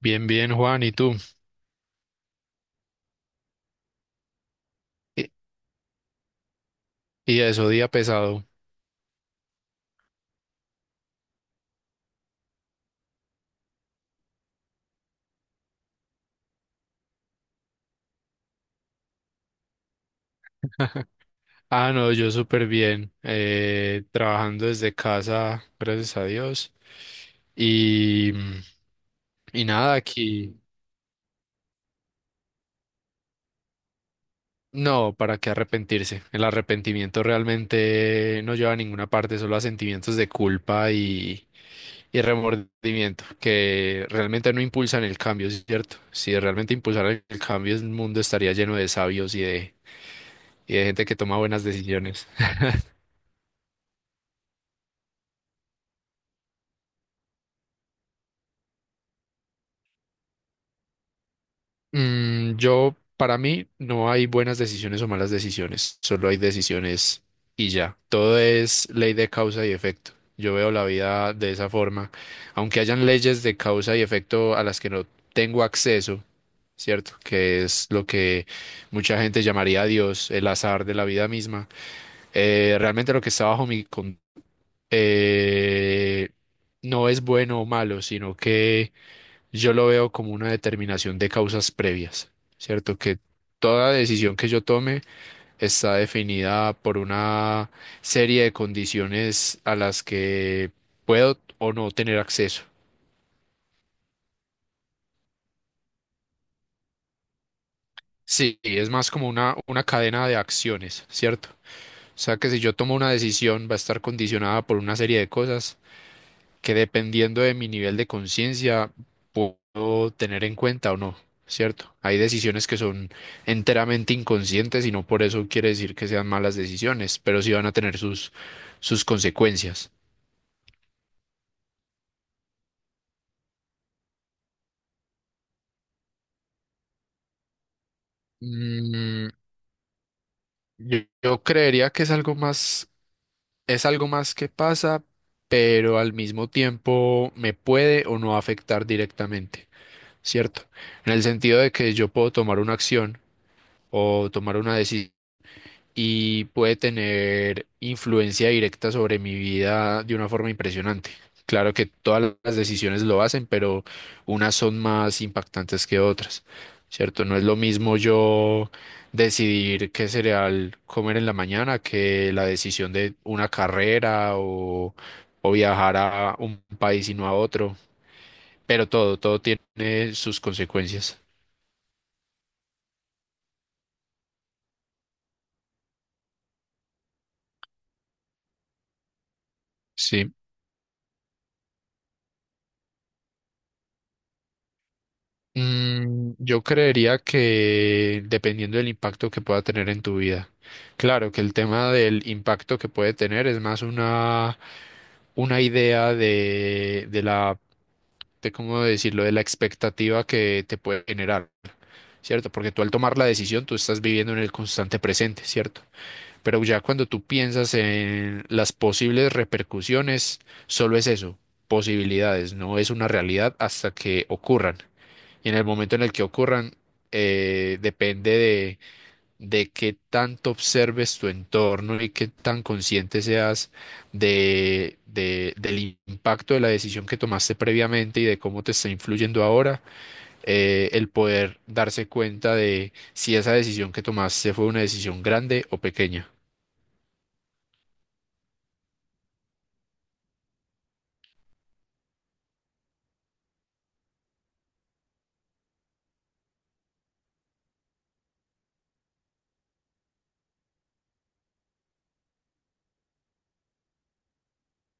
Bien, bien, Juan, ¿y tú? ¿Y, y eso, día pesado? Ah, no, yo súper bien, trabajando desde casa, gracias a Dios. Y, y nada, aquí, no, ¿para qué arrepentirse? El arrepentimiento realmente no lleva a ninguna parte, solo a sentimientos de culpa y remordimiento, que realmente no impulsan el cambio, ¿cierto? Si realmente impulsaran el cambio, el mundo estaría lleno de sabios y de gente que toma buenas decisiones. Yo, para mí, no hay buenas decisiones o malas decisiones, solo hay decisiones y ya. Todo es ley de causa y efecto. Yo veo la vida de esa forma, aunque hayan leyes de causa y efecto a las que no tengo acceso, ¿cierto? Que es lo que mucha gente llamaría Dios, el azar de la vida misma. Realmente lo que está bajo mi... eh, no es bueno o malo, sino que yo lo veo como una determinación de causas previas, ¿cierto? Que toda decisión que yo tome está definida por una serie de condiciones a las que puedo o no tener acceso. Sí, es más como una cadena de acciones, ¿cierto? O sea que si yo tomo una decisión va a estar condicionada por una serie de cosas que dependiendo de mi nivel de conciencia puedo tener en cuenta o no, ¿cierto? Hay decisiones que son enteramente inconscientes y no por eso quiere decir que sean malas decisiones, pero sí van a tener sus consecuencias. Mm, yo creería que es algo más que pasa, pero al mismo tiempo me puede o no afectar directamente, ¿cierto? En el sentido de que yo puedo tomar una acción o tomar una decisión y puede tener influencia directa sobre mi vida de una forma impresionante. Claro que todas las decisiones lo hacen, pero unas son más impactantes que otras, ¿cierto? No es lo mismo yo decidir qué cereal comer en la mañana que la decisión de una carrera o viajar a un país y no a otro, pero todo, todo tiene sus consecuencias. Sí. Yo creería que dependiendo del impacto que pueda tener en tu vida. Claro que el tema del impacto que puede tener es más una idea de, de cómo decirlo, de la expectativa que te puede generar, ¿cierto? Porque tú al tomar la decisión, tú estás viviendo en el constante presente, ¿cierto? Pero ya cuando tú piensas en las posibles repercusiones, solo es eso, posibilidades, no es una realidad hasta que ocurran. Y en el momento en el que ocurran, depende de qué tanto observes tu entorno y qué tan consciente seas de, del impacto de la decisión que tomaste previamente y de cómo te está influyendo ahora, el poder darse cuenta de si esa decisión que tomaste fue una decisión grande o pequeña.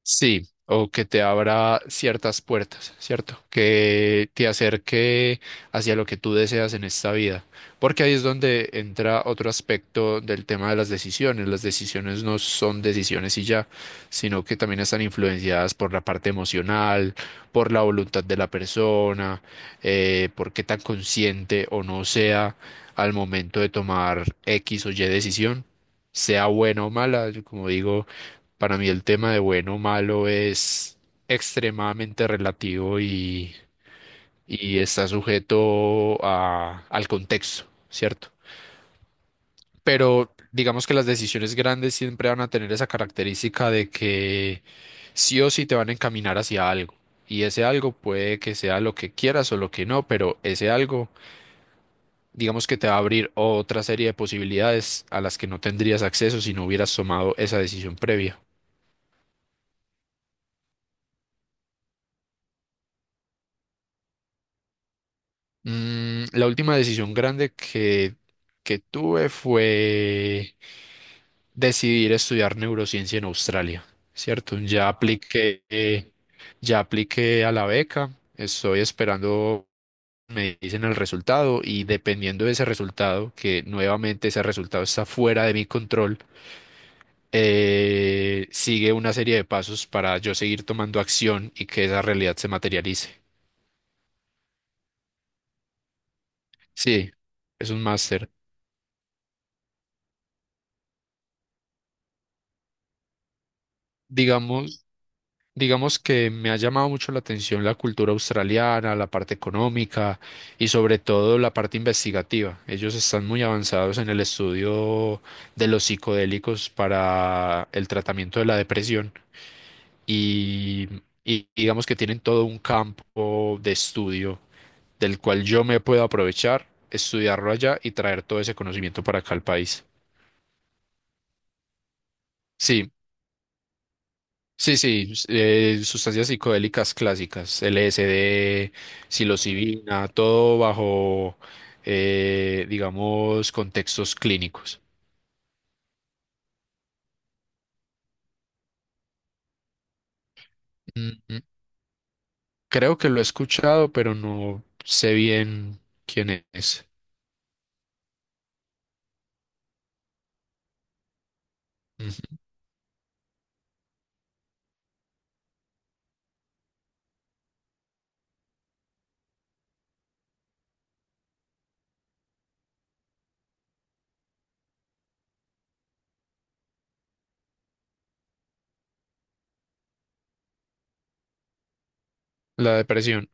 Sí, o que te abra ciertas puertas, ¿cierto? Que te acerque hacia lo que tú deseas en esta vida. Porque ahí es donde entra otro aspecto del tema de las decisiones. Las decisiones no son decisiones y ya, sino que también están influenciadas por la parte emocional, por la voluntad de la persona, por qué tan consciente o no sea al momento de tomar X o Y decisión, sea buena o mala, Yo, como digo. Para mí el tema de bueno o malo es extremadamente relativo y está sujeto al contexto, ¿cierto? Pero digamos que las decisiones grandes siempre van a tener esa característica de que sí o sí te van a encaminar hacia algo. Y ese algo puede que sea lo que quieras o lo que no, pero ese algo, digamos que te va a abrir otra serie de posibilidades a las que no tendrías acceso si no hubieras tomado esa decisión previa. La última decisión grande que tuve fue decidir estudiar neurociencia en Australia, ¿cierto? Ya apliqué a la beca, estoy esperando, me dicen el resultado y dependiendo de ese resultado, que nuevamente ese resultado está fuera de mi control, sigue una serie de pasos para yo seguir tomando acción y que esa realidad se materialice. Sí, es un máster. Digamos, digamos que me ha llamado mucho la atención la cultura australiana, la parte económica y sobre todo la parte investigativa. Ellos están muy avanzados en el estudio de los psicodélicos para el tratamiento de la depresión y, y digamos que tienen todo un campo de estudio del cual yo me puedo aprovechar, estudiarlo allá y traer todo ese conocimiento para acá al país. Sí. Sí, sí, sustancias psicodélicas clásicas, LSD, psilocibina, todo bajo, digamos, contextos clínicos. Mm, mm. Creo que lo he escuchado, pero no sé bien quién es. Ujú. La depresión.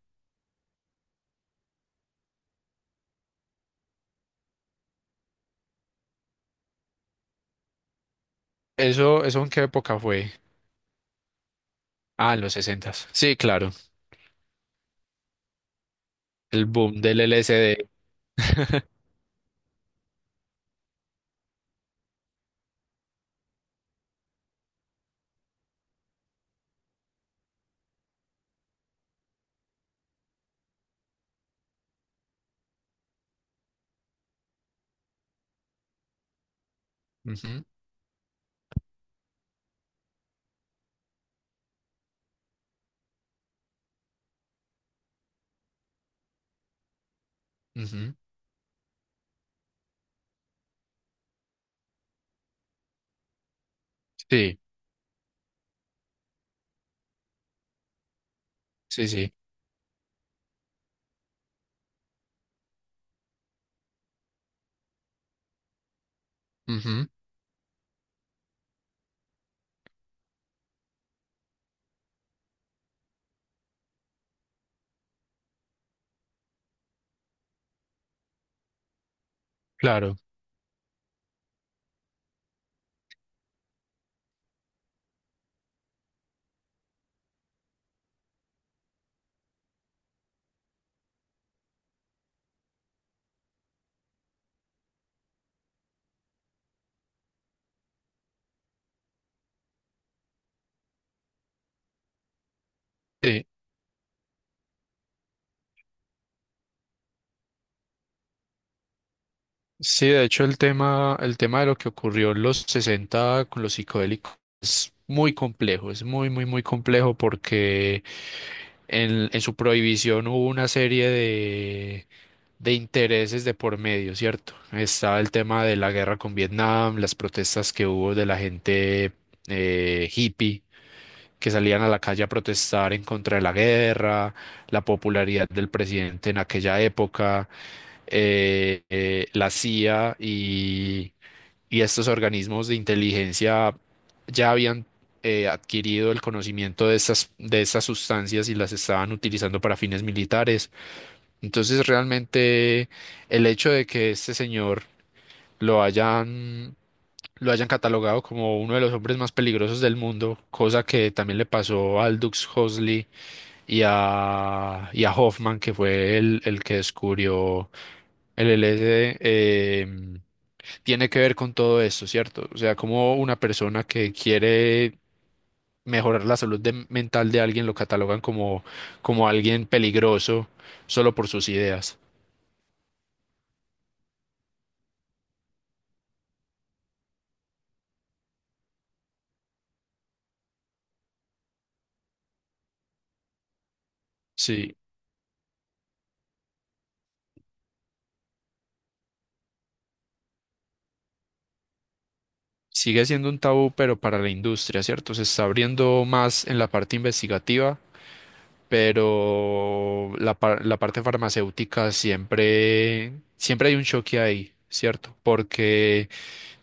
¿Eso, eso en qué época fue? Ah, en los sesentas. Sí, claro, el boom del LSD. Ujú, ujú. Sí, sí, sí. Ujú, claro, sí. Sí, de hecho el tema de lo que ocurrió en los 60 con los psicodélicos es muy complejo, es muy, muy, muy complejo porque en su prohibición hubo una serie de intereses de por medio, ¿cierto? Estaba el tema de la guerra con Vietnam, las protestas que hubo de la gente hippie que salían a la calle a protestar en contra de la guerra, la popularidad del presidente en aquella época la CIA y estos organismos de inteligencia ya habían adquirido el conocimiento de estas sustancias y las estaban utilizando para fines militares. Entonces, realmente el hecho de que este señor lo hayan, lo hayan catalogado como uno de los hombres más peligrosos del mundo, cosa que también le pasó a Aldous Huxley y a Hoffman, que fue el que descubrió el LSD tiene que ver con todo esto, ¿cierto? O sea, como una persona que quiere mejorar la salud mental de alguien lo catalogan como, como alguien peligroso solo por sus ideas. Sí, sigue siendo un tabú, pero para la industria, ¿cierto? Se está abriendo más en la parte investigativa, pero la, la parte farmacéutica siempre, siempre hay un choque ahí, ¿cierto? Porque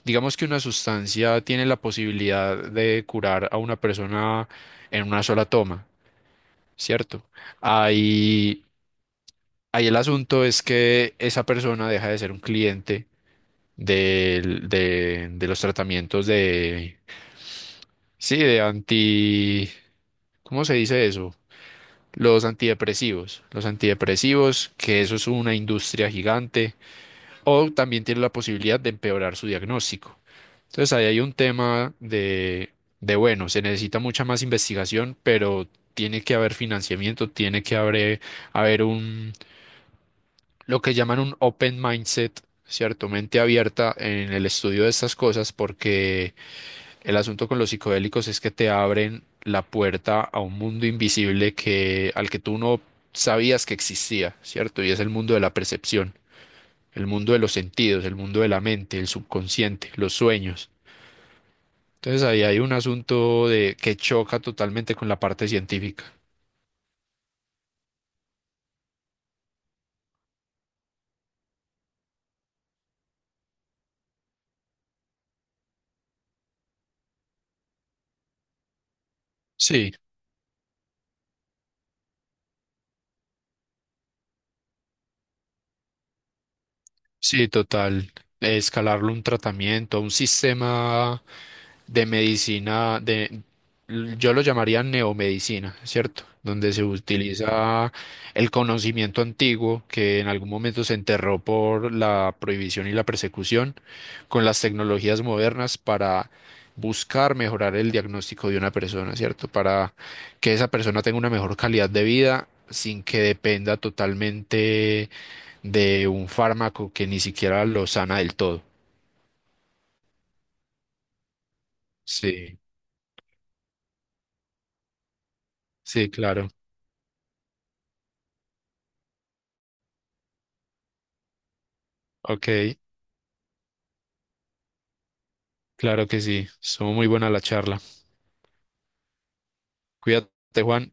digamos que una sustancia tiene la posibilidad de curar a una persona en una sola toma, ¿cierto? Ahí, ahí el asunto es que esa persona deja de ser un cliente de los tratamientos de, sí, de anti, ¿cómo se dice eso? Los antidepresivos. Los antidepresivos, que eso es una industria gigante o también tiene la posibilidad de empeorar su diagnóstico. Entonces ahí hay un tema de, bueno, se necesita mucha más investigación, pero tiene que haber financiamiento, tiene que haber, haber un, lo que llaman un open mindset, ¿cierto? Mente abierta en el estudio de estas cosas, porque el asunto con los psicodélicos es que te abren la puerta a un mundo invisible que, al que tú no sabías que existía, ¿cierto? Y es el mundo de la percepción el mundo de los sentidos, el mundo de la mente, el subconsciente, los sueños. Entonces ahí hay un asunto de que choca totalmente con la parte científica. Sí, sí, total. Escalarlo a un tratamiento, a un sistema de medicina, de, yo lo llamaría neomedicina, ¿cierto? Donde se utiliza el conocimiento antiguo que en algún momento se enterró por la prohibición y la persecución con las tecnologías modernas para buscar mejorar el diagnóstico de una persona, ¿cierto? Para que esa persona tenga una mejor calidad de vida sin que dependa totalmente de un fármaco que ni siquiera lo sana del todo. Sí, sí, claro. Ok. Claro que sí, estuvo muy buena la charla. Cuídate, Juan.